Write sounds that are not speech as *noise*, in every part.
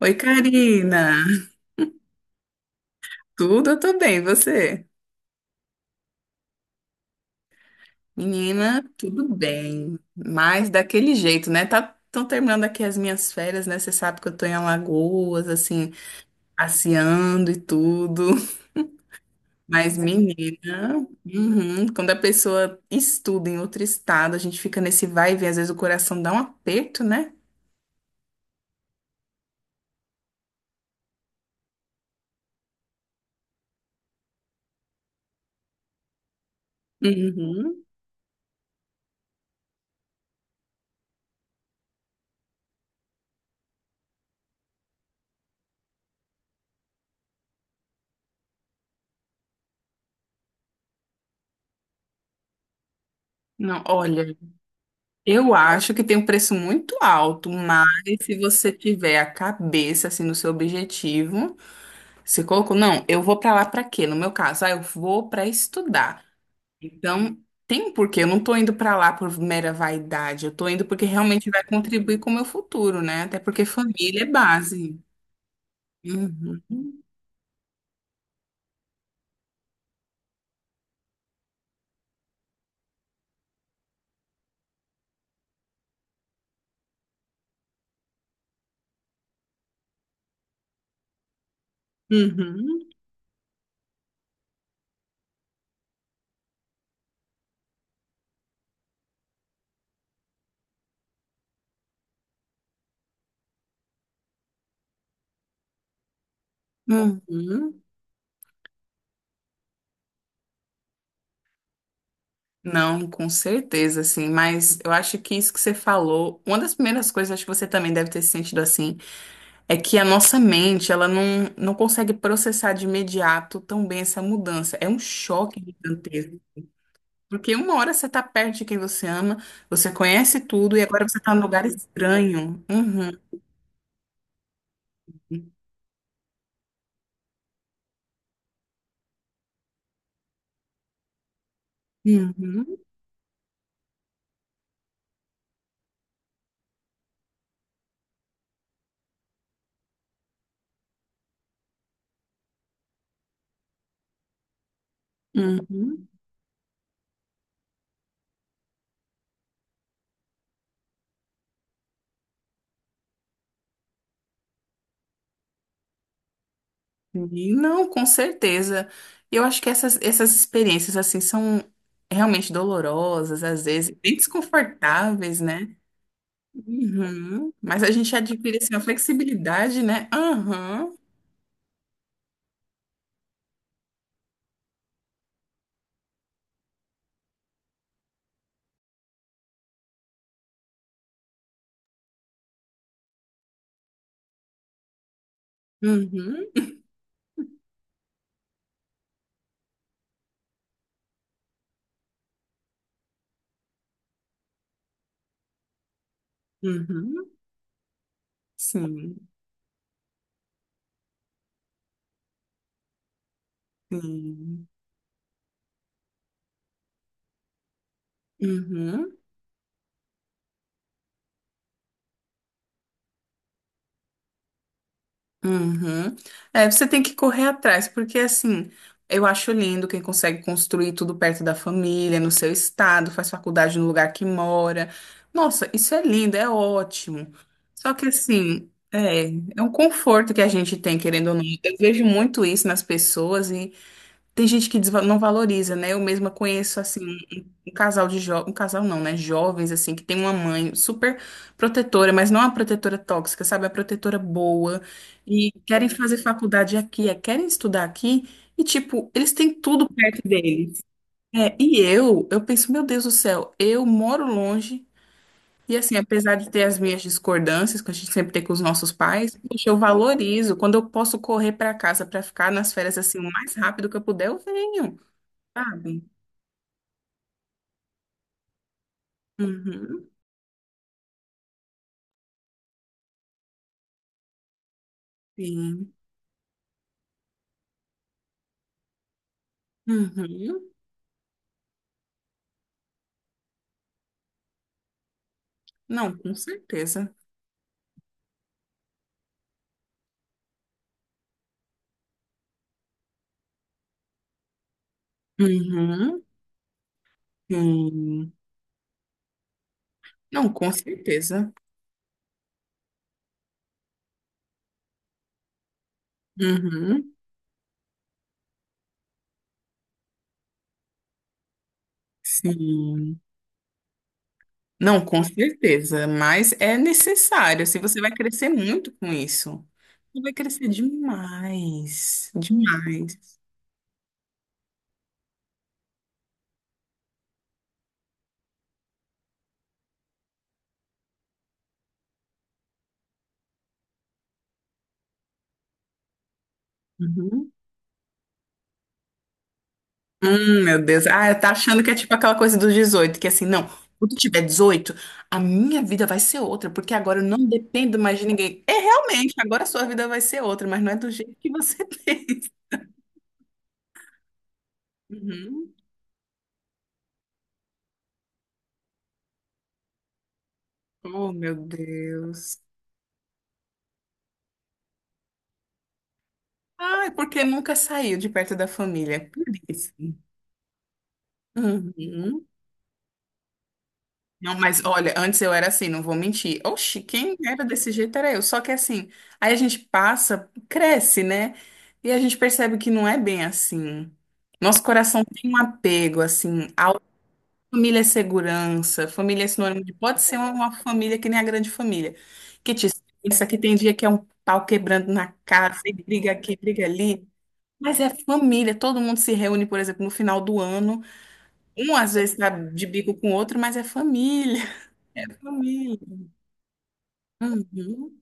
Oi, Karina. Tudo, eu tô bem, e você? Menina, tudo bem. Mas daquele jeito, né? Tá, tão terminando aqui as minhas férias, né? Você sabe que eu tô em Alagoas, assim, passeando e tudo. *laughs* Mas, menina, uhum, quando a pessoa estuda em outro estado, a gente fica nesse vai e vem, às vezes o coração dá um aperto, né? Uhum. Não, olha, eu acho que tem um preço muito alto, mas se você tiver a cabeça assim no seu objetivo, você colocou, não, eu vou pra lá pra quê? No meu caso, ah, eu vou pra estudar. Então, tem um porquê. Eu não tô indo pra lá por mera vaidade. Eu tô indo porque realmente vai contribuir com o meu futuro, né? Até porque família é base. Uhum. Uhum. Uhum. Não, com certeza, assim, mas eu acho que isso que você falou, uma das primeiras coisas, acho que você também deve ter se sentido assim, é que a nossa mente, ela não, não consegue processar de imediato tão bem essa mudança. É um choque gigantesco. Porque uma hora você tá perto de quem você ama, você conhece tudo e agora você tá num lugar estranho. Uhum, uhum, uhum. E não, com certeza. Eu acho que essas, essas experiências, assim, são realmente dolorosas, às vezes, bem desconfortáveis, né? Uhum. Mas a gente adquire, assim, uma flexibilidade, né? Aham, uhum, uhum, sim, sim. Uhum. Uhum. É, você tem que correr atrás, porque assim, eu acho lindo quem consegue construir tudo perto da família, no seu estado, faz faculdade no lugar que mora. Nossa, isso é lindo, é ótimo. Só que assim, é, é um conforto que a gente tem, querendo ou não. Eu vejo muito isso nas pessoas e tem gente que não valoriza, né? Eu mesma conheço assim um casal de jovens, um casal não, né? Jovens, assim, que tem uma mãe super protetora, mas não a protetora tóxica, sabe? A protetora boa. E querem fazer faculdade aqui, é, querem estudar aqui. E, tipo, eles têm tudo perto deles. É, e eu penso, meu Deus do céu, eu moro longe. E, assim, apesar de ter as minhas discordâncias, que a gente sempre tem com os nossos pais, poxa, eu valorizo. Quando eu posso correr para casa para ficar nas férias, assim, o mais rápido que eu puder, eu venho, sabe? Uhum, sim. Uhum. Não, com certeza. Uhum, sim. Não, com certeza. Uhum, sim. Não, com certeza. Mas é necessário. Assim, você vai crescer muito com isso. Você vai crescer demais. Demais. Uhum. Meu Deus. Ah, tá achando que é tipo aquela coisa dos 18, que assim, não, quando eu tiver 18, a minha vida vai ser outra, porque agora eu não dependo mais de ninguém. É realmente, agora a sua vida vai ser outra, mas não é do jeito que você *laughs* pensa. Uhum. Oh, meu Deus. Ah, é porque nunca saiu de perto da família. Por isso. Uhum. Não, mas olha, antes eu era assim, não vou mentir. Oxi, quem era desse jeito era eu. Só que assim, aí a gente passa, cresce, né? E a gente percebe que não é bem assim. Nosso coração tem um apego, assim. A família é segurança, família é sinônimo de. Pode ser uma família que nem a grande família. Que te. Isso aqui tem dia que é um pau quebrando na cara, tem briga aqui, briga ali. Mas é família, todo mundo se reúne, por exemplo, no final do ano. Um às vezes está de bico com o outro, mas é família, *laughs* é família. Uhum,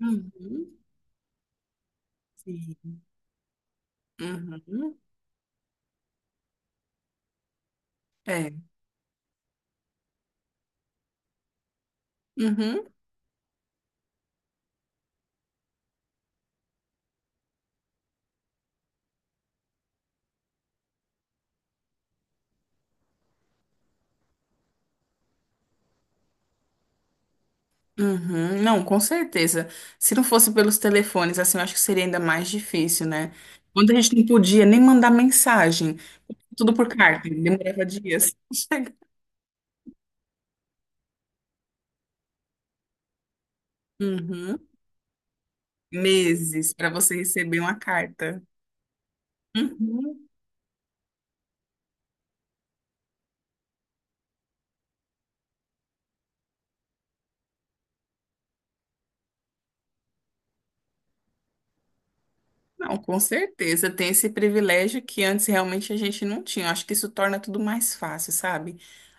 uhum, sim, uhum, é, uhum, uhum. Não, com certeza. Se não fosse pelos telefones, assim, eu acho que seria ainda mais difícil, né? Quando a gente não podia nem mandar mensagem, tudo por carta, demorava dias. *laughs* Uhum, meses para você receber uma carta. Uhum. Não, com certeza tem esse privilégio que antes realmente a gente não tinha. Eu acho que isso torna tudo mais fácil, sabe?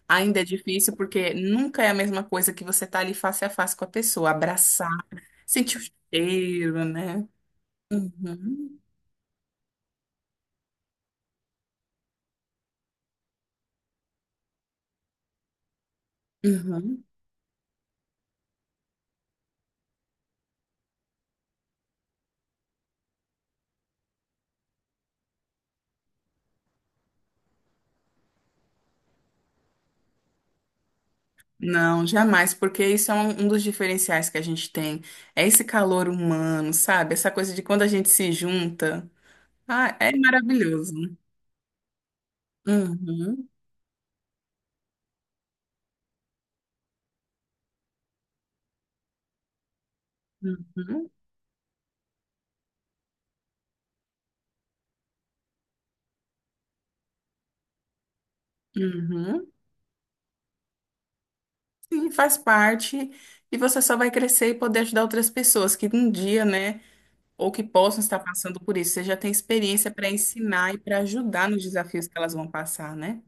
Ainda é difícil porque nunca é a mesma coisa que você tá ali face a face com a pessoa, abraçar, sentir o cheiro, né? Uhum, uhum. Não, jamais, porque isso é um dos diferenciais que a gente tem. É esse calor humano, sabe? Essa coisa de quando a gente se junta. Ah, é maravilhoso. Uhum, uhum, uhum. Sim, faz parte. E você só vai crescer e poder ajudar outras pessoas que um dia, né, ou que possam estar passando por isso. Você já tem experiência para ensinar e para ajudar nos desafios que elas vão passar, né?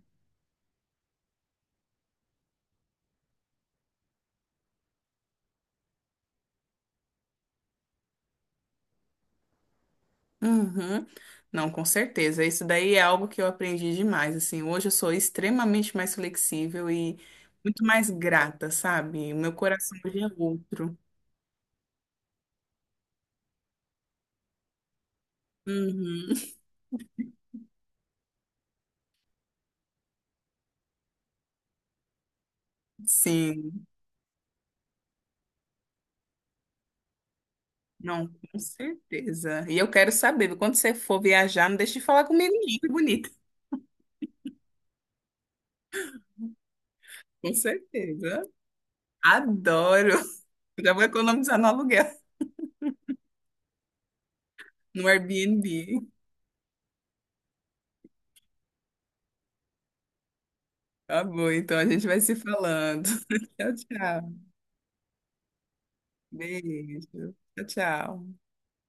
Uhum. Não, com certeza. Isso daí é algo que eu aprendi demais. Assim, hoje eu sou extremamente mais flexível e muito mais grata, sabe? O meu coração hoje é outro. Uhum. Sim, não, com certeza. E eu quero saber, quando você for viajar, não deixe de falar comigo, não, que bonito. Com certeza. Adoro. Já vou economizar no aluguel, no Airbnb. Tá bom, então a gente vai se falando. *laughs* Tchau, tchau. Beijo. Tchau, tchau.